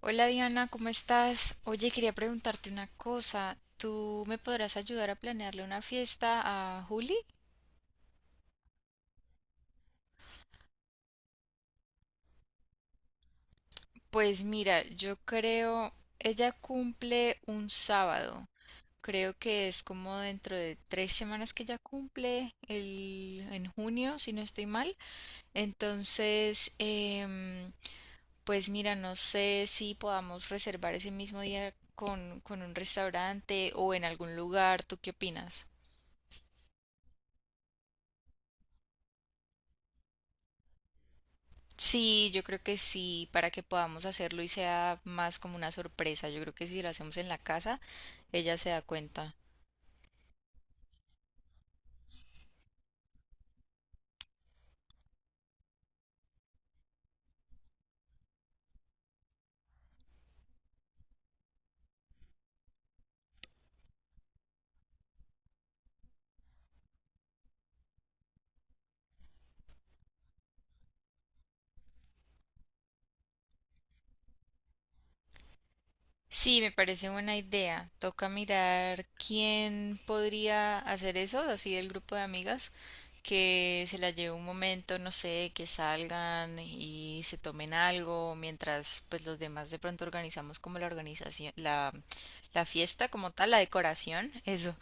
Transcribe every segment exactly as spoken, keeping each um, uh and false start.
Hola Diana, ¿cómo estás? Oye, quería preguntarte una cosa. ¿Tú me podrás ayudar a planearle una fiesta a Juli? Pues mira, yo creo, ella cumple un sábado. Creo que es como dentro de tres semanas que ella cumple, el, en junio, si no estoy mal. Entonces, em, pues mira, no sé si podamos reservar ese mismo día con, con un restaurante o en algún lugar. ¿Tú qué opinas? Sí, yo creo que sí, para que podamos hacerlo y sea más como una sorpresa. Yo creo que si lo hacemos en la casa, ella se da cuenta. Sí, me parece buena idea. Toca mirar quién podría hacer eso, así del grupo de amigas, que se la lleve un momento, no sé, que salgan y se tomen algo, mientras pues los demás de pronto organizamos como la organización, la, la fiesta como tal, la decoración, eso.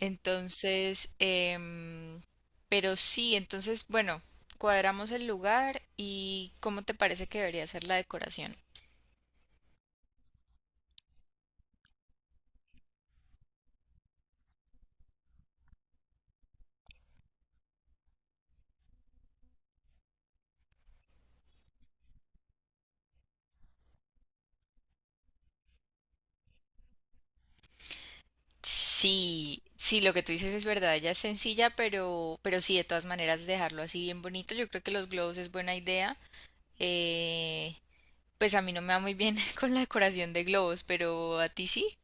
Entonces, em, pero sí, entonces, bueno, cuadramos el lugar y ¿cómo te parece que debería ser la decoración? Sí, sí, lo que tú dices es verdad, ella es sencilla, pero, pero sí, de todas maneras, dejarlo así bien bonito. Yo creo que los globos es buena idea. Eh, pues a mí no me va muy bien con la decoración de globos, pero a ti sí.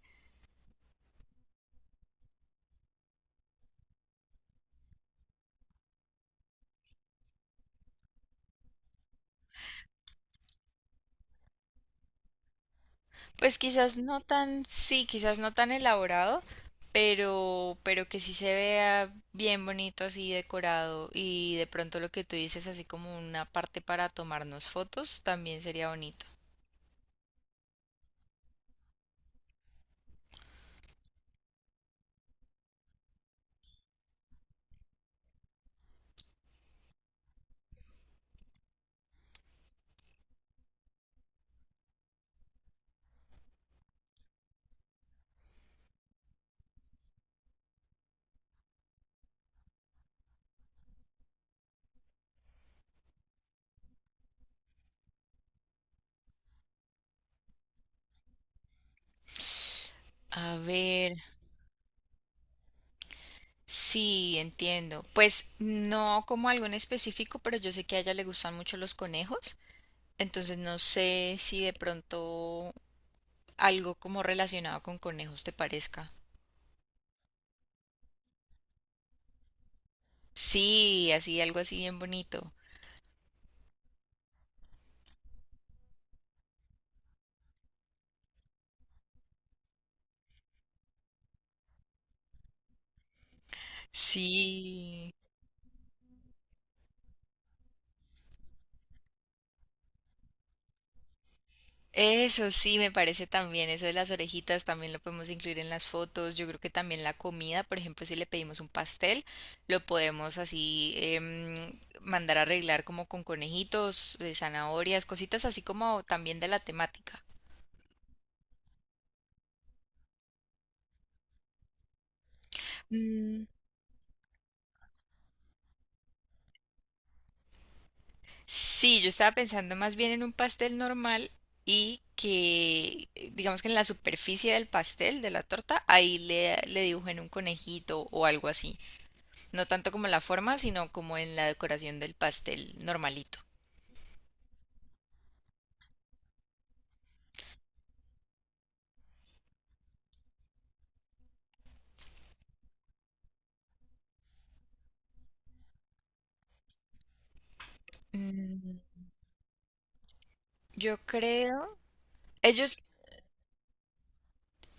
Pues quizás no tan, sí, quizás no tan elaborado, pero, pero que sí se vea bien bonito así decorado y de pronto lo que tú dices así como una parte para tomarnos fotos también sería bonito. A ver, sí, entiendo. Pues no como algo en específico, pero yo sé que a ella le gustan mucho los conejos, entonces no sé si de pronto algo como relacionado con conejos te parezca. Sí, así, algo así bien bonito. Sí, eso sí me parece también, eso de las orejitas también lo podemos incluir en las fotos, yo creo que también la comida, por ejemplo, si le pedimos un pastel, lo podemos así em, mandar a arreglar como con conejitos, eh, zanahorias, cositas así como también de la temática. Mm. Sí, yo estaba pensando más bien en un pastel normal y que, eh, digamos que en la superficie del pastel, de la torta, ahí le, le dibujen un conejito o algo así. No tanto como en la forma, sino como en la decoración del pastel normalito. Mm, yo creo, ellos,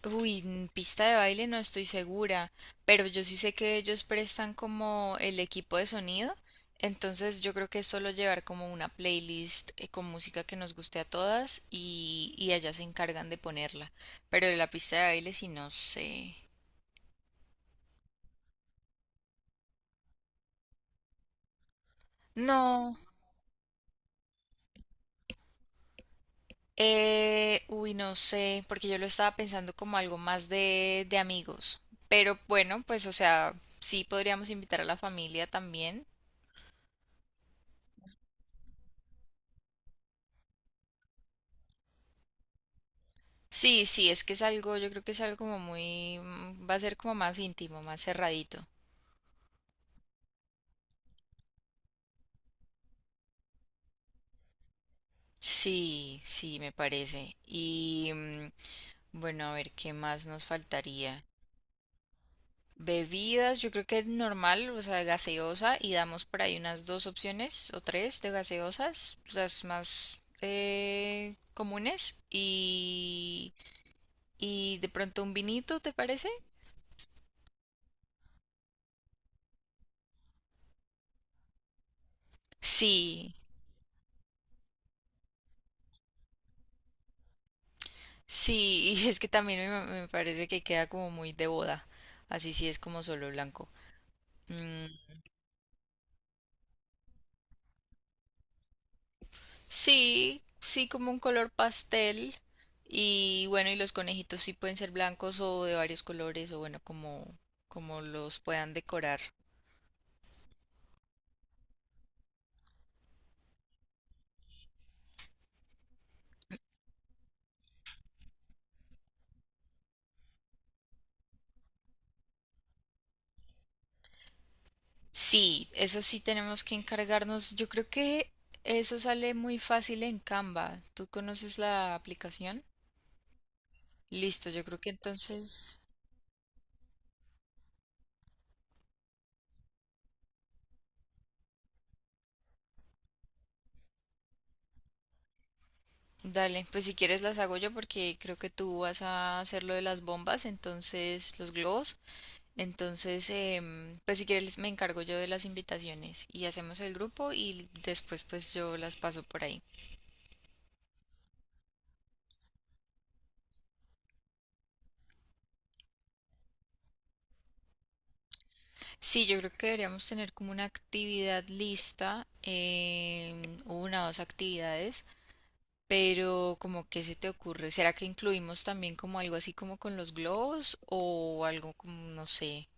uy, en pista de baile no estoy segura, pero yo sí sé que ellos prestan como el equipo de sonido, entonces yo creo que es solo llevar como una playlist eh, con música que nos guste a todas y, y ellas se encargan de ponerla, pero de la pista de baile sí no sé. No. Eh, uy, no sé, porque yo lo estaba pensando como algo más de, de amigos. Pero bueno, pues o sea, sí podríamos invitar a la familia también. Sí, sí, es que es algo, yo creo que es algo como muy, mm, va a ser como más íntimo, más cerradito. Sí, sí, me parece. Y mm, bueno, a ver, ¿qué más nos faltaría? Bebidas, yo creo que normal, o sea, gaseosa, y damos por ahí unas dos opciones o tres de gaseosas, las más eh, comunes, y, y de pronto un vinito, ¿te parece? Sí, sí, y es que también me, me parece que queda como muy de boda, así sí es como solo blanco. Mm. Sí, sí, como un color pastel. Y bueno, y los conejitos sí pueden ser blancos o de varios colores, o bueno, como, como los puedan decorar. Sí, eso sí tenemos que encargarnos. Yo creo que eso sale muy fácil en Canva. ¿Tú conoces la aplicación? Listo, yo creo que entonces, dale, pues si quieres las hago yo porque creo que tú vas a hacer lo de las bombas, entonces los globos. Entonces, em, pues si quieres me encargo yo de las invitaciones y hacemos el grupo y después pues yo las paso por ahí. Sí, yo creo que deberíamos tener como una actividad lista, em, una o dos actividades, pero como que se te ocurre, ¿será que incluimos también como algo así como con los globos o algo como, no sé,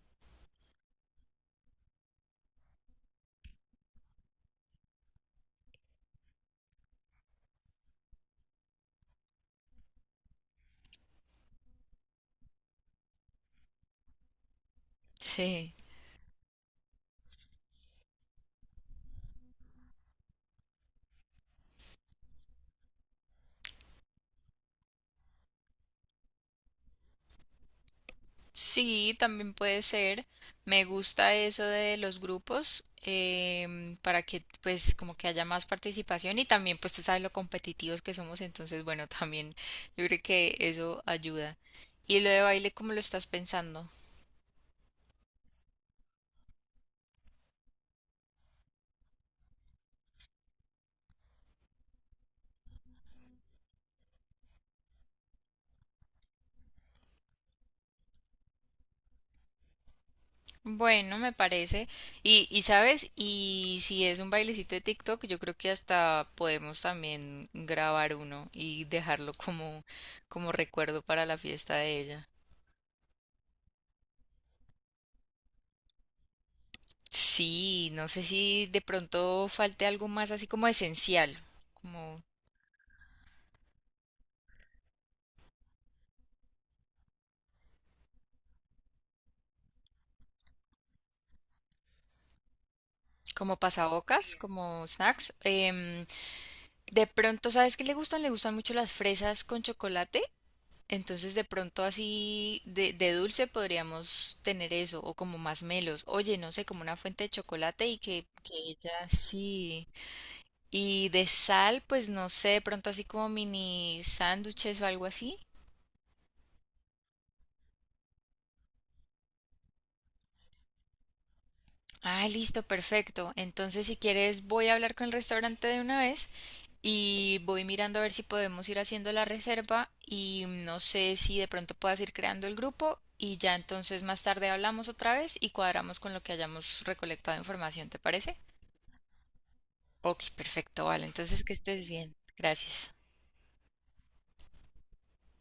sí. Sí, también puede ser. Me gusta eso de los grupos em, para que pues como que haya más participación y también pues tú sabes lo competitivos que somos, entonces bueno, también yo creo que eso ayuda. Y lo de baile, ¿cómo lo estás pensando? Bueno, me parece. Y, y sabes, y si es un bailecito de TikTok, yo creo que hasta podemos también grabar uno y dejarlo como, como recuerdo para la fiesta de ella. Sí, no sé si de pronto falte algo más así como esencial, como, como pasabocas, como snacks. Em, de pronto, ¿sabes qué le gustan? Le gustan mucho las fresas con chocolate. Entonces, de pronto así de, de dulce podríamos tener eso, o como más melos. Oye, no sé, como una fuente de chocolate y que, que ella sí. Y de sal, pues no sé, de pronto así como mini sándwiches o algo así. Ah, listo, perfecto. Entonces, si quieres, voy a hablar con el restaurante de una vez y voy mirando a ver si podemos ir haciendo la reserva y no sé si de pronto puedas ir creando el grupo y ya entonces más tarde hablamos otra vez y cuadramos con lo que hayamos recolectado de información, ¿te parece? Ok, perfecto, vale. Entonces, que estés bien. Gracias.